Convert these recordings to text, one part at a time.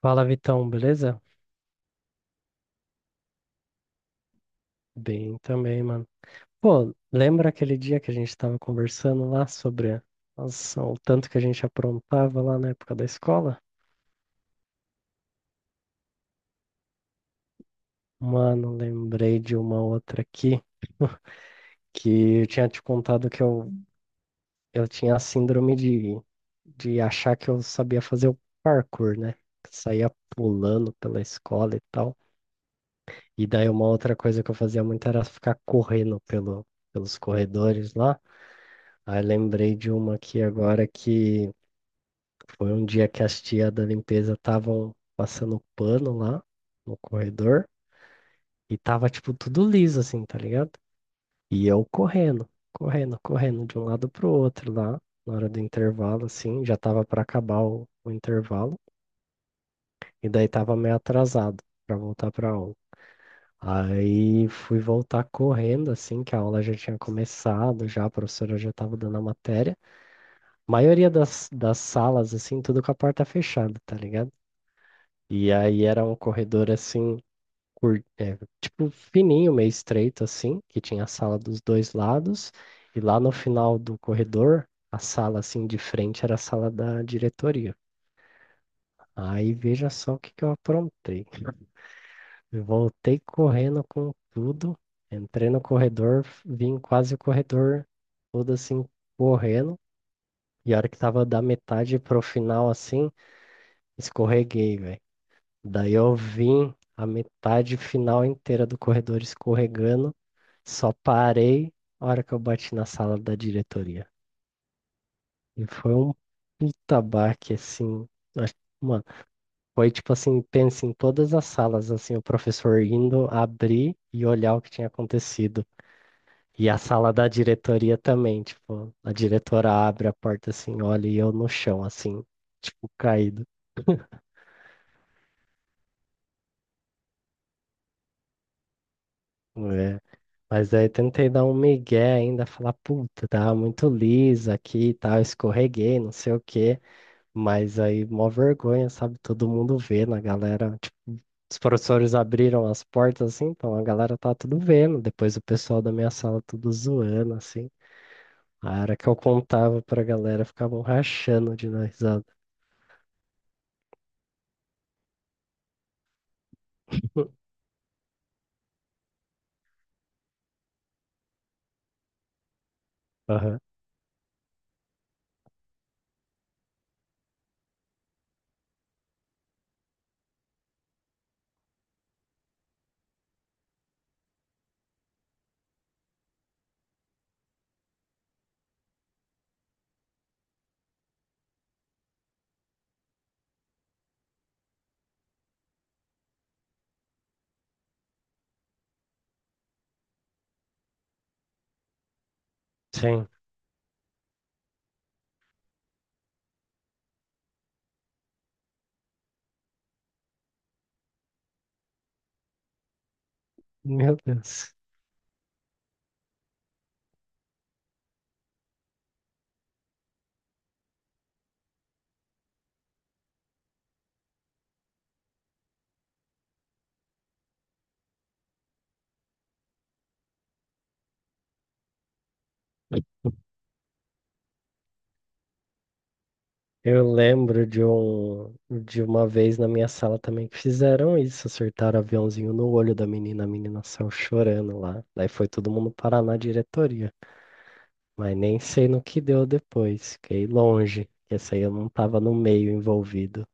Fala, Vitão, beleza? Bem também, mano. Pô, lembra aquele dia que a gente tava conversando lá nossa, o tanto que a gente aprontava lá na época da escola? Mano, lembrei de uma outra aqui que eu tinha te contado eu tinha a síndrome de achar que eu sabia fazer o parkour, né? Que saía pulando pela escola e tal. E daí uma outra coisa que eu fazia muito era ficar correndo pelos corredores lá. Aí lembrei de uma aqui agora que foi um dia que as tia da limpeza estavam passando pano lá no corredor e tava tipo tudo liso assim, tá ligado? E eu correndo, correndo, correndo de um lado pro outro lá, na hora do intervalo assim, já tava pra acabar o intervalo e daí tava meio atrasado pra voltar pra aula. Aí fui voltar correndo assim, que a aula já tinha começado, já a professora já tava dando a matéria. Maioria das salas, assim, tudo com a porta fechada, tá ligado? E aí era um corredor assim, tipo, fininho, meio estreito, assim, que tinha a sala dos dois lados, e lá no final do corredor, a sala assim de frente era a sala da diretoria. Aí veja só o que que eu aprontei. Eu voltei correndo com tudo, entrei no corredor, vim quase o corredor todo assim, correndo. E a hora que tava da metade pro final assim, escorreguei, velho. Daí eu vim a metade final inteira do corredor escorregando, só parei a hora que eu bati na sala da diretoria. E foi um puta baque, assim. acho- Mano, foi tipo assim, pensa em todas as salas, assim, o professor indo abrir e olhar o que tinha acontecido. E a sala da diretoria também, tipo, a diretora abre a porta assim, olha e eu no chão, assim, tipo, caído. É. Mas aí tentei dar um migué ainda, falar, puta, tava muito lisa aqui e tal, escorreguei, não sei o quê. Mas aí, mó vergonha, sabe? Todo mundo vendo, a galera. Tipo, os professores abriram as portas assim, então a galera tá tudo vendo. Depois o pessoal da minha sala tudo zoando, assim. A hora que eu contava pra galera, ficavam rachando de dar risada. Aham. Sim. Meu Deus. Eu lembro de um, de uma vez na minha sala também que fizeram isso, acertaram aviãozinho no olho da menina, a menina saiu chorando lá. Daí foi todo mundo parar na diretoria. Mas nem sei no que deu depois, fiquei longe, que essa aí eu não tava no meio envolvido.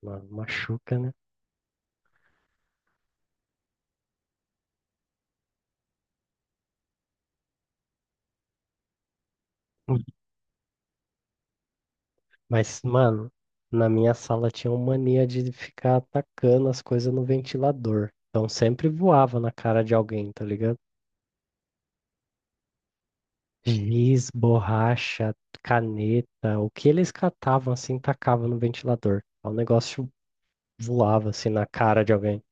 Uma machuca, né? Mas, mano, na minha sala tinha uma mania de ficar atacando as coisas no ventilador. Então sempre voava na cara de alguém, tá ligado? Giz, borracha, caneta, o que eles catavam assim, tacavam no ventilador. O negócio voava assim na cara de alguém.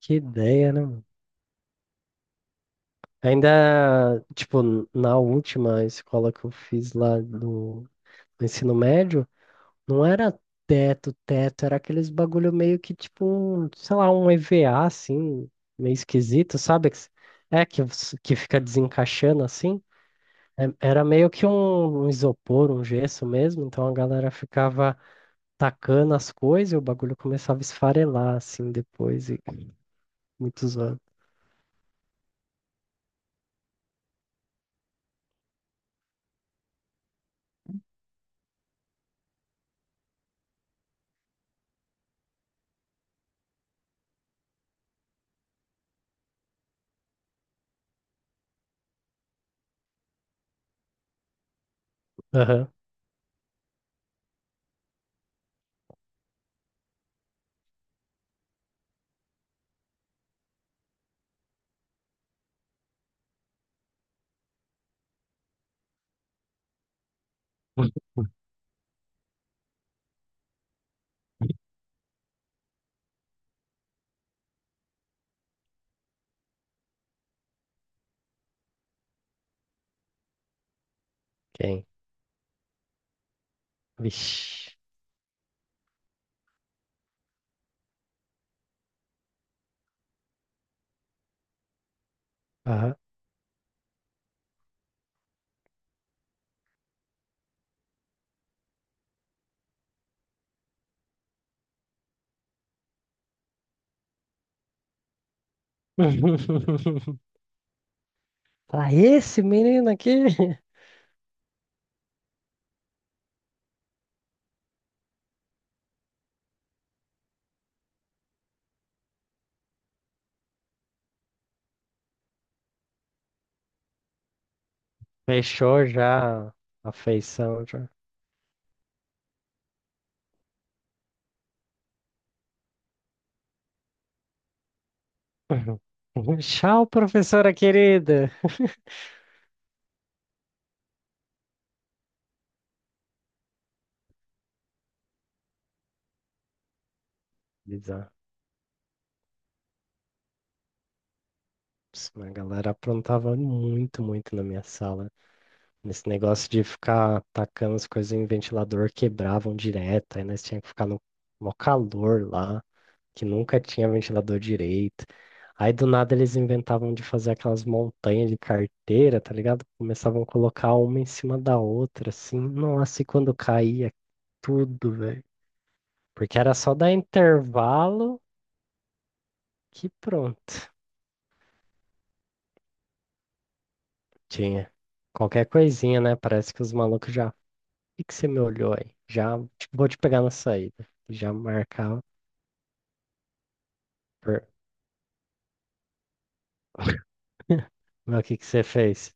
Que ideia, né, mano? Ainda, tipo, na última escola que eu fiz lá no ensino médio, não era teto, teto, era aqueles bagulho meio que tipo, um, sei lá, um EVA assim, meio esquisito, sabe? É, que fica desencaixando assim. Era meio que um isopor, um gesso mesmo, então a galera ficava tacando as coisas e o bagulho começava a esfarelar assim depois e muitos anos. Aham. Quem? Vixe. Aham. Ah, esse menino aqui fechou já a feição já. Uhum. Uhum. Tchau, professora querida. Bizarro. Isso, mas a galera aprontava muito, muito na minha sala. Esse negócio de ficar tacando as coisas em ventilador quebravam direto, aí nós tínhamos que ficar no maior calor lá, que nunca tinha ventilador direito. Aí do nada eles inventavam de fazer aquelas montanhas de carteira, tá ligado? Começavam a colocar uma em cima da outra, assim. Nossa, e quando caía tudo, velho. Porque era só dar intervalo que pronto, tinha. Qualquer coisinha, né? Parece que os malucos já que você me olhou aí? Vou te pegar na saída. Já marcava. per- Mas o que que você fez?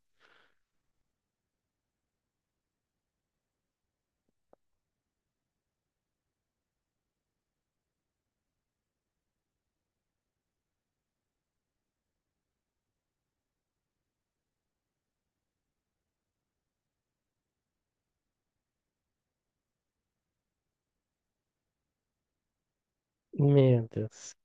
Meu Deus.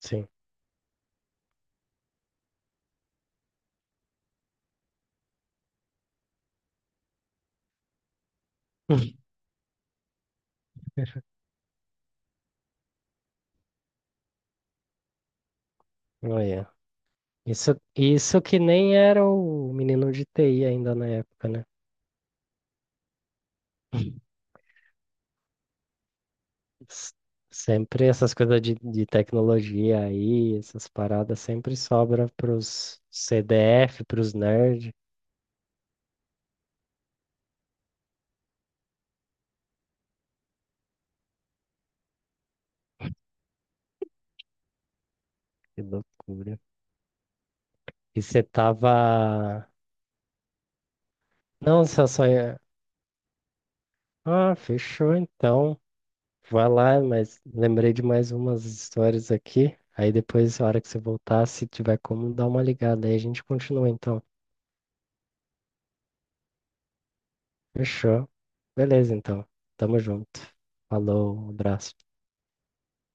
Sim. Olha. Isso que nem era o menino de TI ainda na época, né? S- Sempre essas coisas de tecnologia aí, essas paradas sempre sobra pros CDF, pros nerds. Que loucura. E você tava. Não, você só ia. Ah, fechou então. Vai lá, mas lembrei de mais umas histórias aqui. Aí depois, a hora que você voltar, se tiver como, dá uma ligada. Aí a gente continua, então. Fechou? Beleza, então. Tamo junto. Falou, abraço.